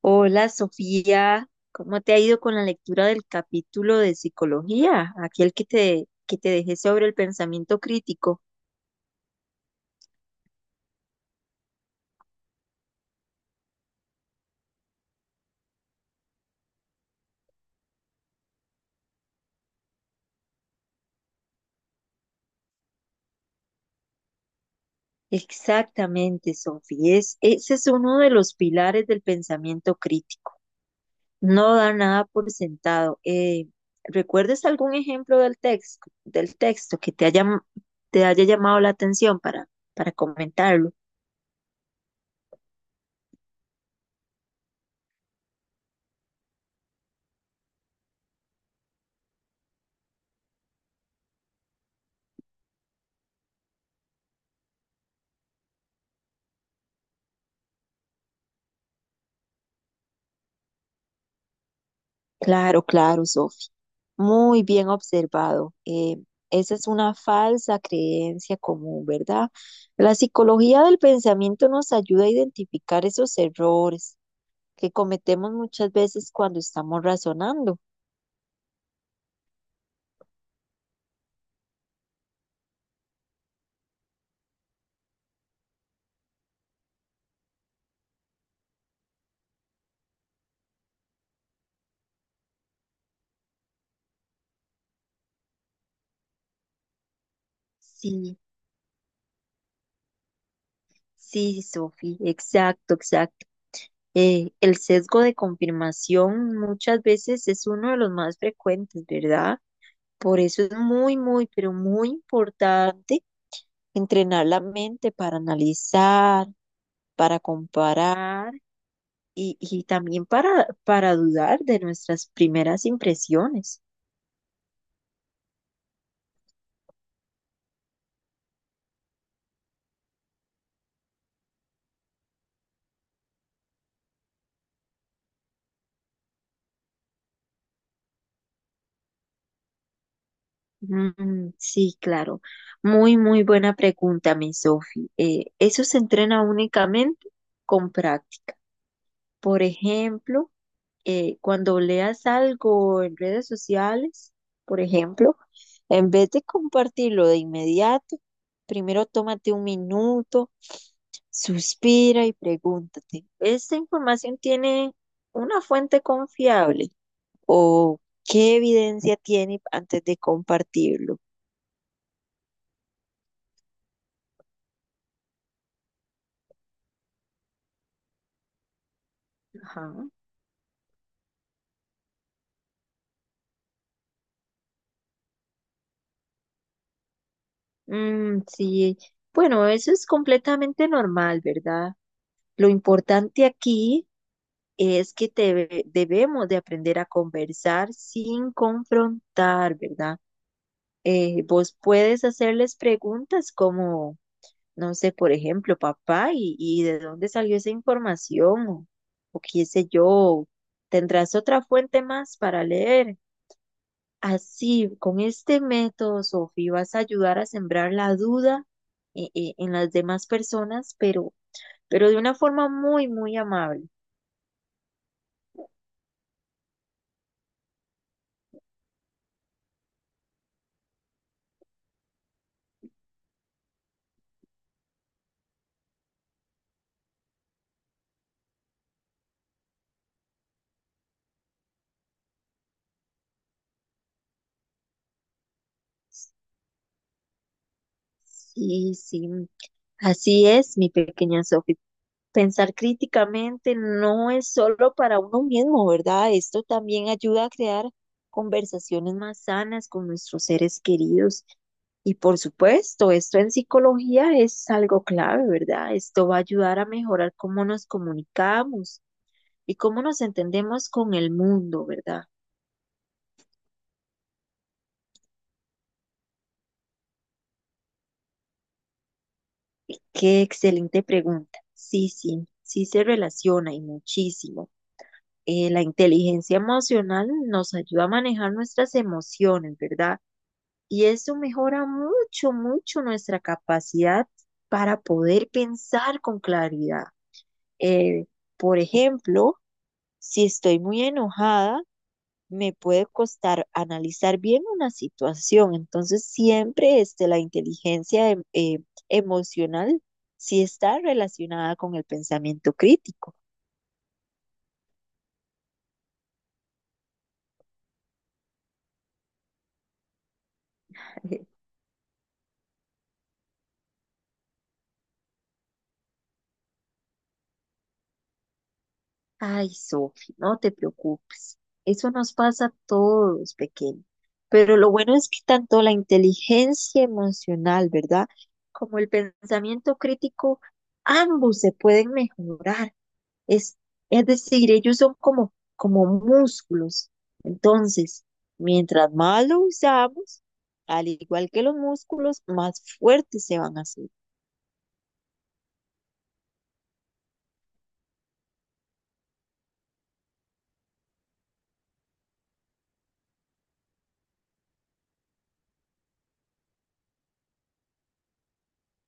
Hola Sofía, ¿cómo te ha ido con la lectura del capítulo de psicología? Aquel que que te dejé sobre el pensamiento crítico. Exactamente, Sofía, ese es uno de los pilares del pensamiento crítico. No da nada por sentado. ¿Recuerdas algún ejemplo del texto que te haya llamado la atención para comentarlo? Claro, claro, Sofi. Muy bien observado. Esa es una falsa creencia común, ¿verdad? La psicología del pensamiento nos ayuda a identificar esos errores que cometemos muchas veces cuando estamos razonando. Sí, sí, Sofi, exacto, exacto. El sesgo de confirmación muchas veces es uno de los más frecuentes, ¿verdad? Por eso es muy, muy, pero muy importante entrenar la mente para analizar, para comparar y también para dudar de nuestras primeras impresiones. Sí, claro. Muy, muy buena pregunta, mi Sofi. Eso se entrena únicamente con práctica. Por ejemplo, cuando leas algo en redes sociales, por ejemplo, en vez de compartirlo de inmediato, primero tómate un minuto. Suspira y pregúntate, ¿esta información tiene una fuente confiable? ¿O qué evidencia tiene antes de compartirlo? Ajá. Sí, bueno, eso es completamente normal, ¿verdad? Lo importante aquí es que debemos de aprender a conversar sin confrontar, ¿verdad? Vos puedes hacerles preguntas como... no sé, por ejemplo, papá, y de dónde salió esa información, o qué sé yo, tendrás otra fuente más para leer. Así, con este método, Sofi, vas a ayudar a sembrar la duda en las demás personas, pero de una forma muy, muy amable. Sí, sí, así es, mi pequeña Sofi. Pensar críticamente no es solo para uno mismo, ¿verdad? Esto también ayuda a crear conversaciones más sanas con nuestros seres queridos. Y por supuesto, esto en psicología es algo clave, ¿verdad? Esto va a ayudar a mejorar cómo nos comunicamos y cómo nos entendemos con el mundo, ¿verdad? Qué excelente pregunta. Sí, sí, sí se relaciona y muchísimo. La inteligencia emocional nos ayuda a manejar nuestras emociones, ¿verdad? Y eso mejora mucho, mucho nuestra capacidad para poder pensar con claridad. Eh, por ejemplo, si estoy muy enojada, me puede costar analizar bien una situación. Entonces, siempre este, la inteligencia emocional sí está relacionada con el pensamiento crítico. Ay, Sofi, no te preocupes. Eso nos pasa a todos, pequeños. Pero lo bueno es que tanto la inteligencia emocional, ¿verdad? Como el pensamiento crítico, ambos se pueden mejorar. Es, es decir, ellos son como músculos. Entonces, mientras más lo usamos, al igual que los músculos, más fuertes se van a hacer.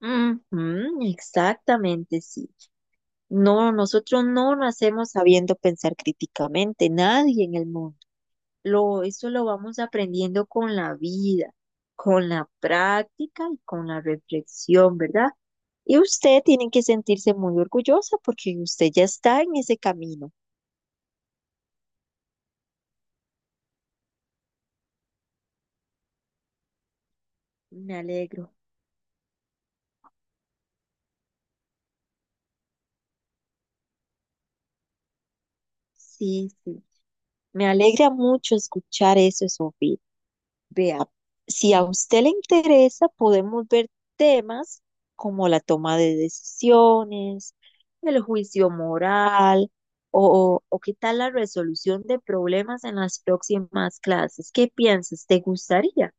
Ujú, exactamente, sí. No, nosotros no nacemos sabiendo pensar críticamente, nadie en el mundo. Eso lo vamos aprendiendo con la vida, con la práctica y con la reflexión, ¿verdad? Y usted tiene que sentirse muy orgullosa porque usted ya está en ese camino. Me alegro. Sí, sí. Me alegra mucho escuchar eso, Sofía. Vea, si a usted le interesa, podemos ver temas como la toma de decisiones, el juicio moral o qué tal la resolución de problemas en las próximas clases. ¿Qué piensas? ¿Te gustaría?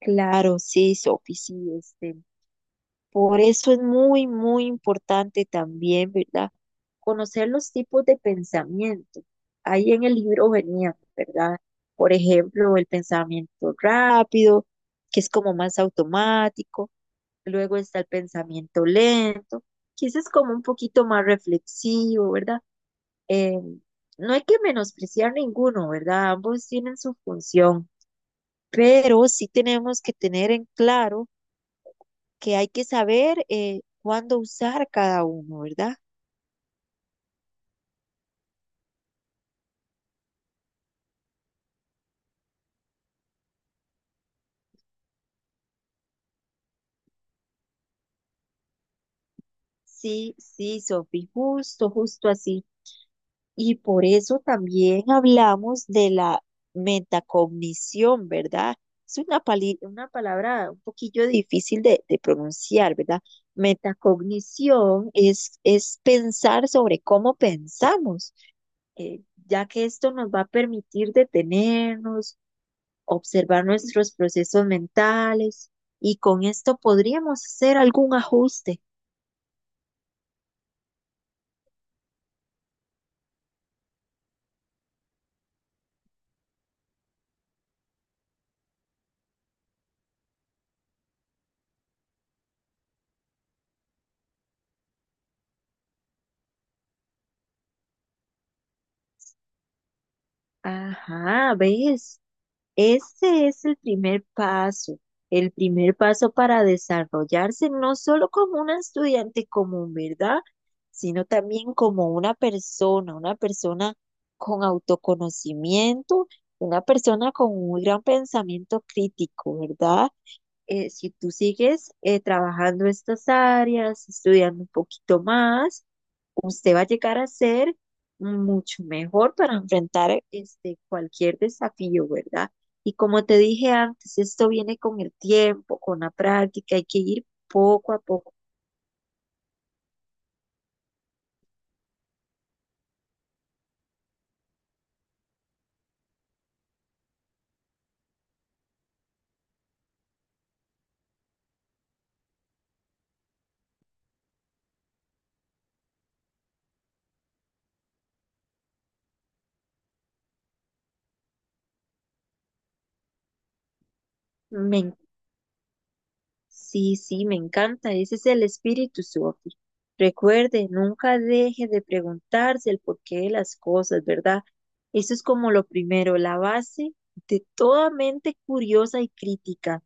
Claro, sí, Sofi, sí, este. Por eso es muy, muy importante también, ¿verdad? Conocer los tipos de pensamiento. Ahí en el libro venía, ¿verdad? Por ejemplo, el pensamiento rápido, que es como más automático. Luego está el pensamiento lento, que ese es como un poquito más reflexivo, ¿verdad? Eh, no hay que menospreciar ninguno, ¿verdad? Ambos tienen su función, pero sí tenemos que tener en claro que hay que saber cuándo usar cada uno, ¿verdad? Sí, sí, Sofi, justo, justo así. Y por eso también hablamos de la metacognición, ¿verdad? Es una, una palabra un poquillo difícil de pronunciar, ¿verdad? Metacognición es pensar sobre cómo pensamos, eh, ya que esto nos va a permitir detenernos, observar nuestros procesos mentales y con esto podríamos hacer algún ajuste. Ajá, ¿ves? Ese es el primer paso para desarrollarse no solo como una estudiante común, ¿verdad? Sino también como una persona con autoconocimiento, una persona con un gran pensamiento crítico, ¿verdad? Si tú sigues trabajando estas áreas, estudiando un poquito más, usted va a llegar a ser mucho mejor para enfrentar este, cualquier desafío, ¿verdad? Y como te dije antes, esto viene con el tiempo, con la práctica, hay que ir poco a poco. Me Sí, sí, me encanta. Ese es el espíritu, Sophie. Recuerde, nunca deje de preguntarse el porqué de las cosas, ¿verdad? Eso es como lo primero, la base de toda mente curiosa y crítica.